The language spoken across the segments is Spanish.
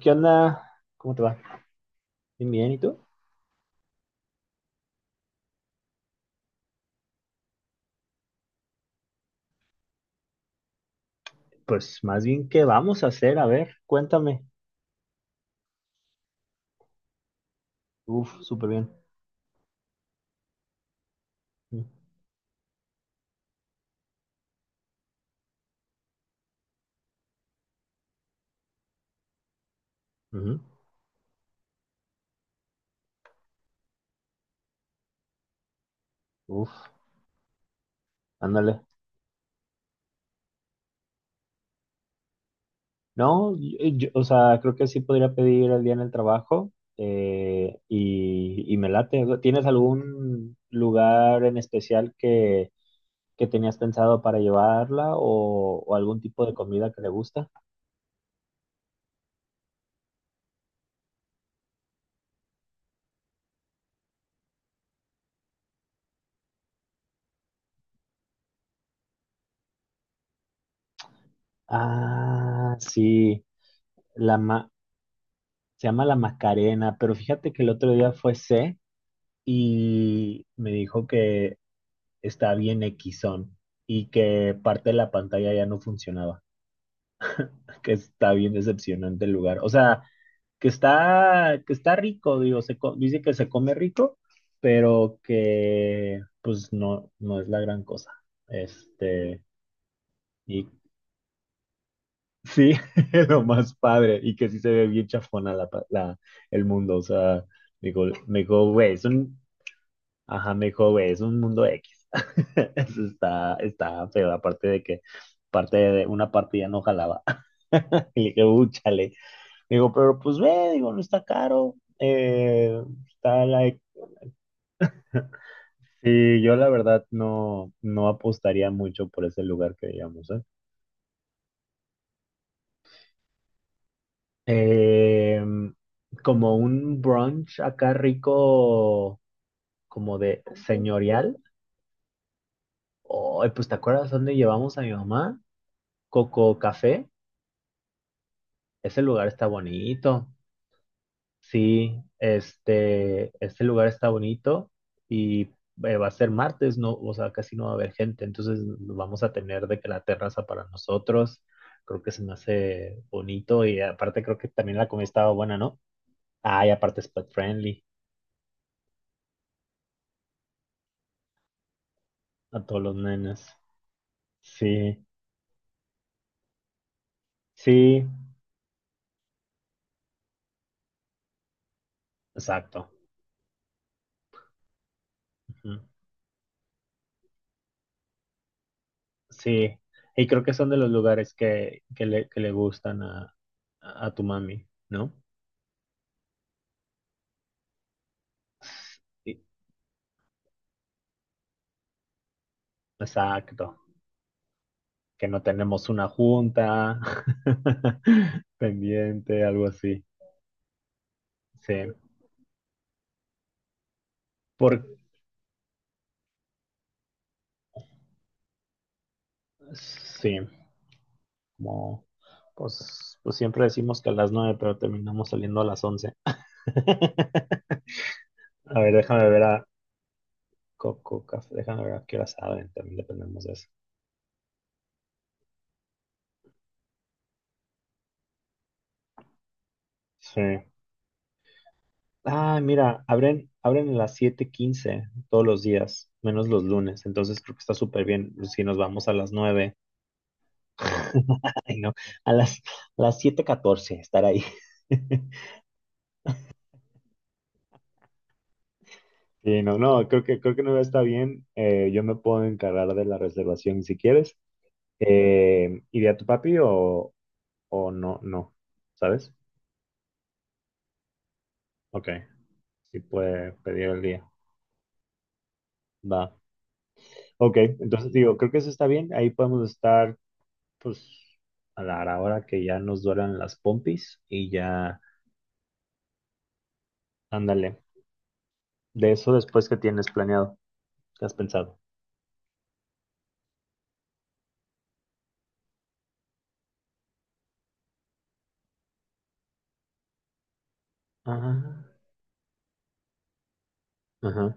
¿Qué onda? ¿Cómo te va? Bien, bien, ¿y tú? Pues más bien, ¿qué vamos a hacer? A ver, cuéntame. Uf, súper bien. Mm, ujú. Uf, ándale. No, o sea, creo que sí podría pedir el día en el trabajo y me late. ¿Tienes algún lugar en especial que tenías pensado para llevarla o algún tipo de comida que le gusta? Ah, sí, la ma- se llama la Macarena, pero fíjate que el otro día fue C. y me dijo que está bien equisón y que parte de la pantalla ya no funcionaba, que está bien decepcionante el lugar. O sea, que está rico, digo, dice que se come rico, pero que pues no, no es la gran cosa. Este, y sí, lo más padre, y que sí se ve bien chafona el mundo, o sea, digo, me dijo, güey, es un ajá, me dijo, güey, es un mundo X. Eso está feo, aparte de que parte de una parte ya no jalaba. Y le dije, chale". Digo, pero pues ve, digo, no está caro. Está like. Sí, yo la verdad no, no apostaría mucho por ese lugar que digamos, ¿eh? Em, como un brunch acá rico, como de señorial. Oh, pues ¿te acuerdas dónde llevamos a mi mamá? Coco Café. Ese lugar está bonito. Sí, este lugar está bonito y va a ser martes, no, o sea, casi no va a haber gente, entonces vamos a tener de que la terraza para nosotros. Creo que se me hace bonito y aparte creo que también la comida estaba buena, ¿no? Ah, y aparte es pet friendly a todos los nenes. Sí, sí, exacto. Ujú, sí, y creo que son de los lugares que le gustan a tu mami, ¿no? Sí, exacto, que no tenemos una junta pendiente, algo así. Sí, por, sí, como, pues siempre decimos que a las 9, pero terminamos saliendo a las 11. A ver, déjame ver a Coco Café, déjame ver a qué hora saben, también dependemos de eso. Sí. Ah, mira, abren a las 7:15 todos los días, menos los lunes, entonces creo que está súper bien. Si nos vamos a las 9. Ay, no, a las, a las siete catorce estar ahí. Sí, no, no, creo que, creo que, no está bien. Yo me puedo encargar de la reservación si quieres. ¿Iría tu papi o no? No, ¿sabes? Ok, sí puede pedir el día. Va. Ok, entonces digo, creo que eso está bien. Ahí podemos estar, pues, a la hora que ya nos duelan las pompis y ya, ándale. De eso después que tienes planeado, ¿qué has pensado? Ajá, ajá.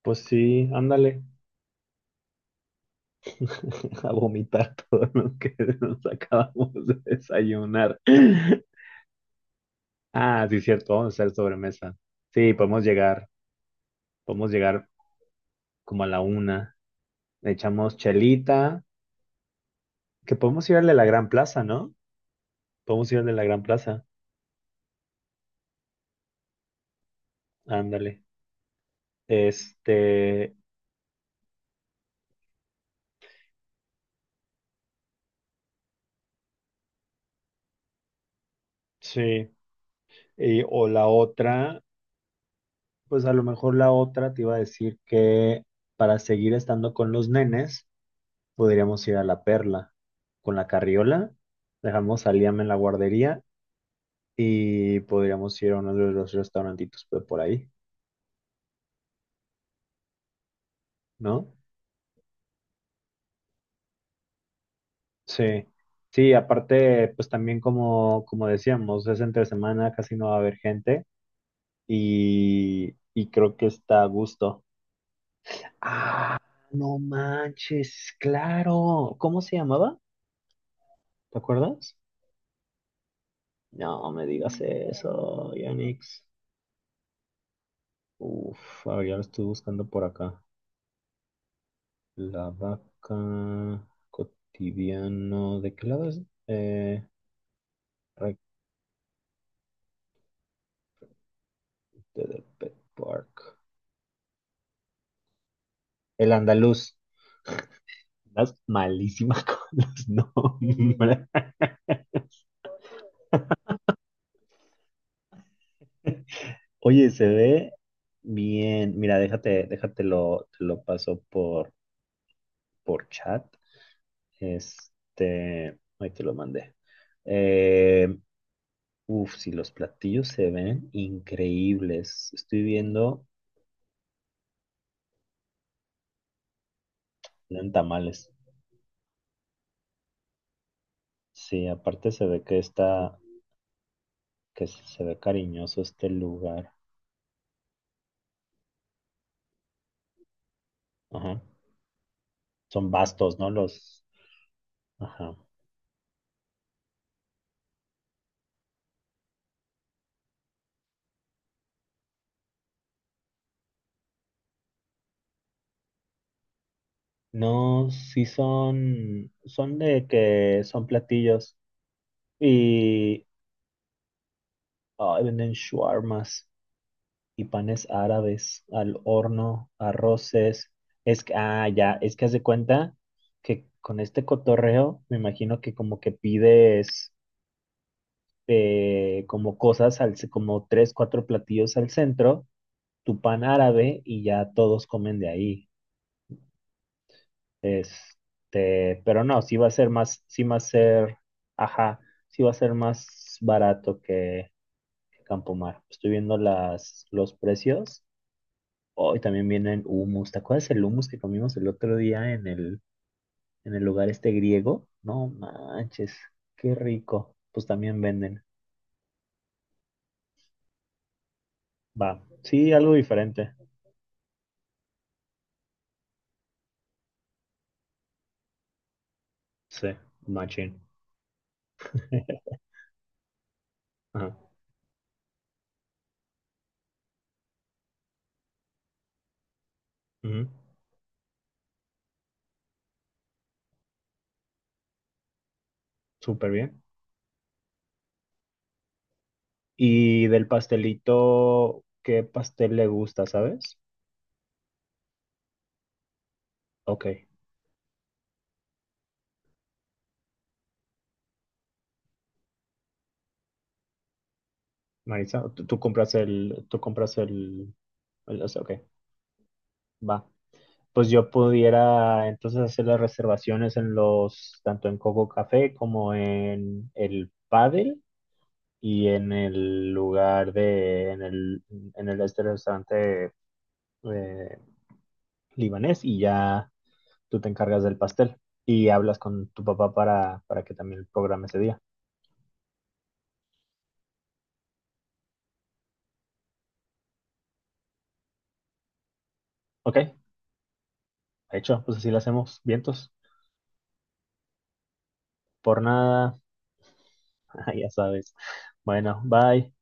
Pues sí, ándale a vomitar todo lo que nos acabamos de desayunar. Ah, sí, cierto, vamos a hacer sobremesa. Sí, podemos llegar como a la 1. Le echamos chelita, que podemos ir al de la Gran Plaza, ¿no? Podemos ir al de la Gran Plaza, ándale. Este, sí, o la otra, pues a lo mejor la otra te iba a decir que para seguir estando con los nenes. Podríamos ir a La Perla con la carriola, dejamos a Liam en la guardería y podríamos ir a uno de los restaurantitos pues, por ahí, ¿no? Sí, sí, aparte, pues también como, como decíamos, es entre semana, casi no va a haber gente y creo que está a gusto. Ah, no manches, claro. ¿Cómo se llamaba? ¿Te acuerdas? No me digas eso, Yanix. Uf, a ver, ya lo estoy buscando por acá. La vaca cotidiano. ¿De qué lado es? Eh, recto del Pet Park. El andaluz. Estás malísima con los nombres. Oye, se ve bien. Mira, déjate, déjatelo, te lo paso por chat. Este, ahí te lo mandé. Eh, uf, si los platillos se ven increíbles. Estoy viendo, eran tamales. Sí, aparte se ve que está, que se ve cariñoso este lugar. Ajá. Son vastos, ¿no? Los, ajá. No, sí son de que son platillos y ay, venden shawarmas y panes árabes al horno, arroces. Es que, ah, ya, es que haz de cuenta que con este cotorreo me imagino que como que pides como cosas, como tres, cuatro platillos al centro, tu pan árabe y ya todos comen de ahí. Este, pero no, sí va a ser más, sí va a ser, ajá, sí va a ser más barato que, Campomar. Estoy viendo los precios. Hoy también vienen hummus. ¿Te acuerdas el hummus que comimos el otro día en el, lugar este griego? No manches, qué rico. Pues también venden. Va, sí, algo diferente. Sí, machín. Ajá. Ujú, súper bien. Y del pastelito, ¿qué pastel le gusta, sabes? Ok. Marisa, tú compras o sea, ok, va. Pues yo pudiera entonces hacer las reservaciones en los, tanto en Coco Café como en el Padel y en el lugar de, en el este restaurante eh, libanés y ya tú te encargas del pastel y hablas con tu papá para que también programe ese día. Ok, hecho, pues así lo hacemos, vientos, por nada, ya sabes. Bueno, bye.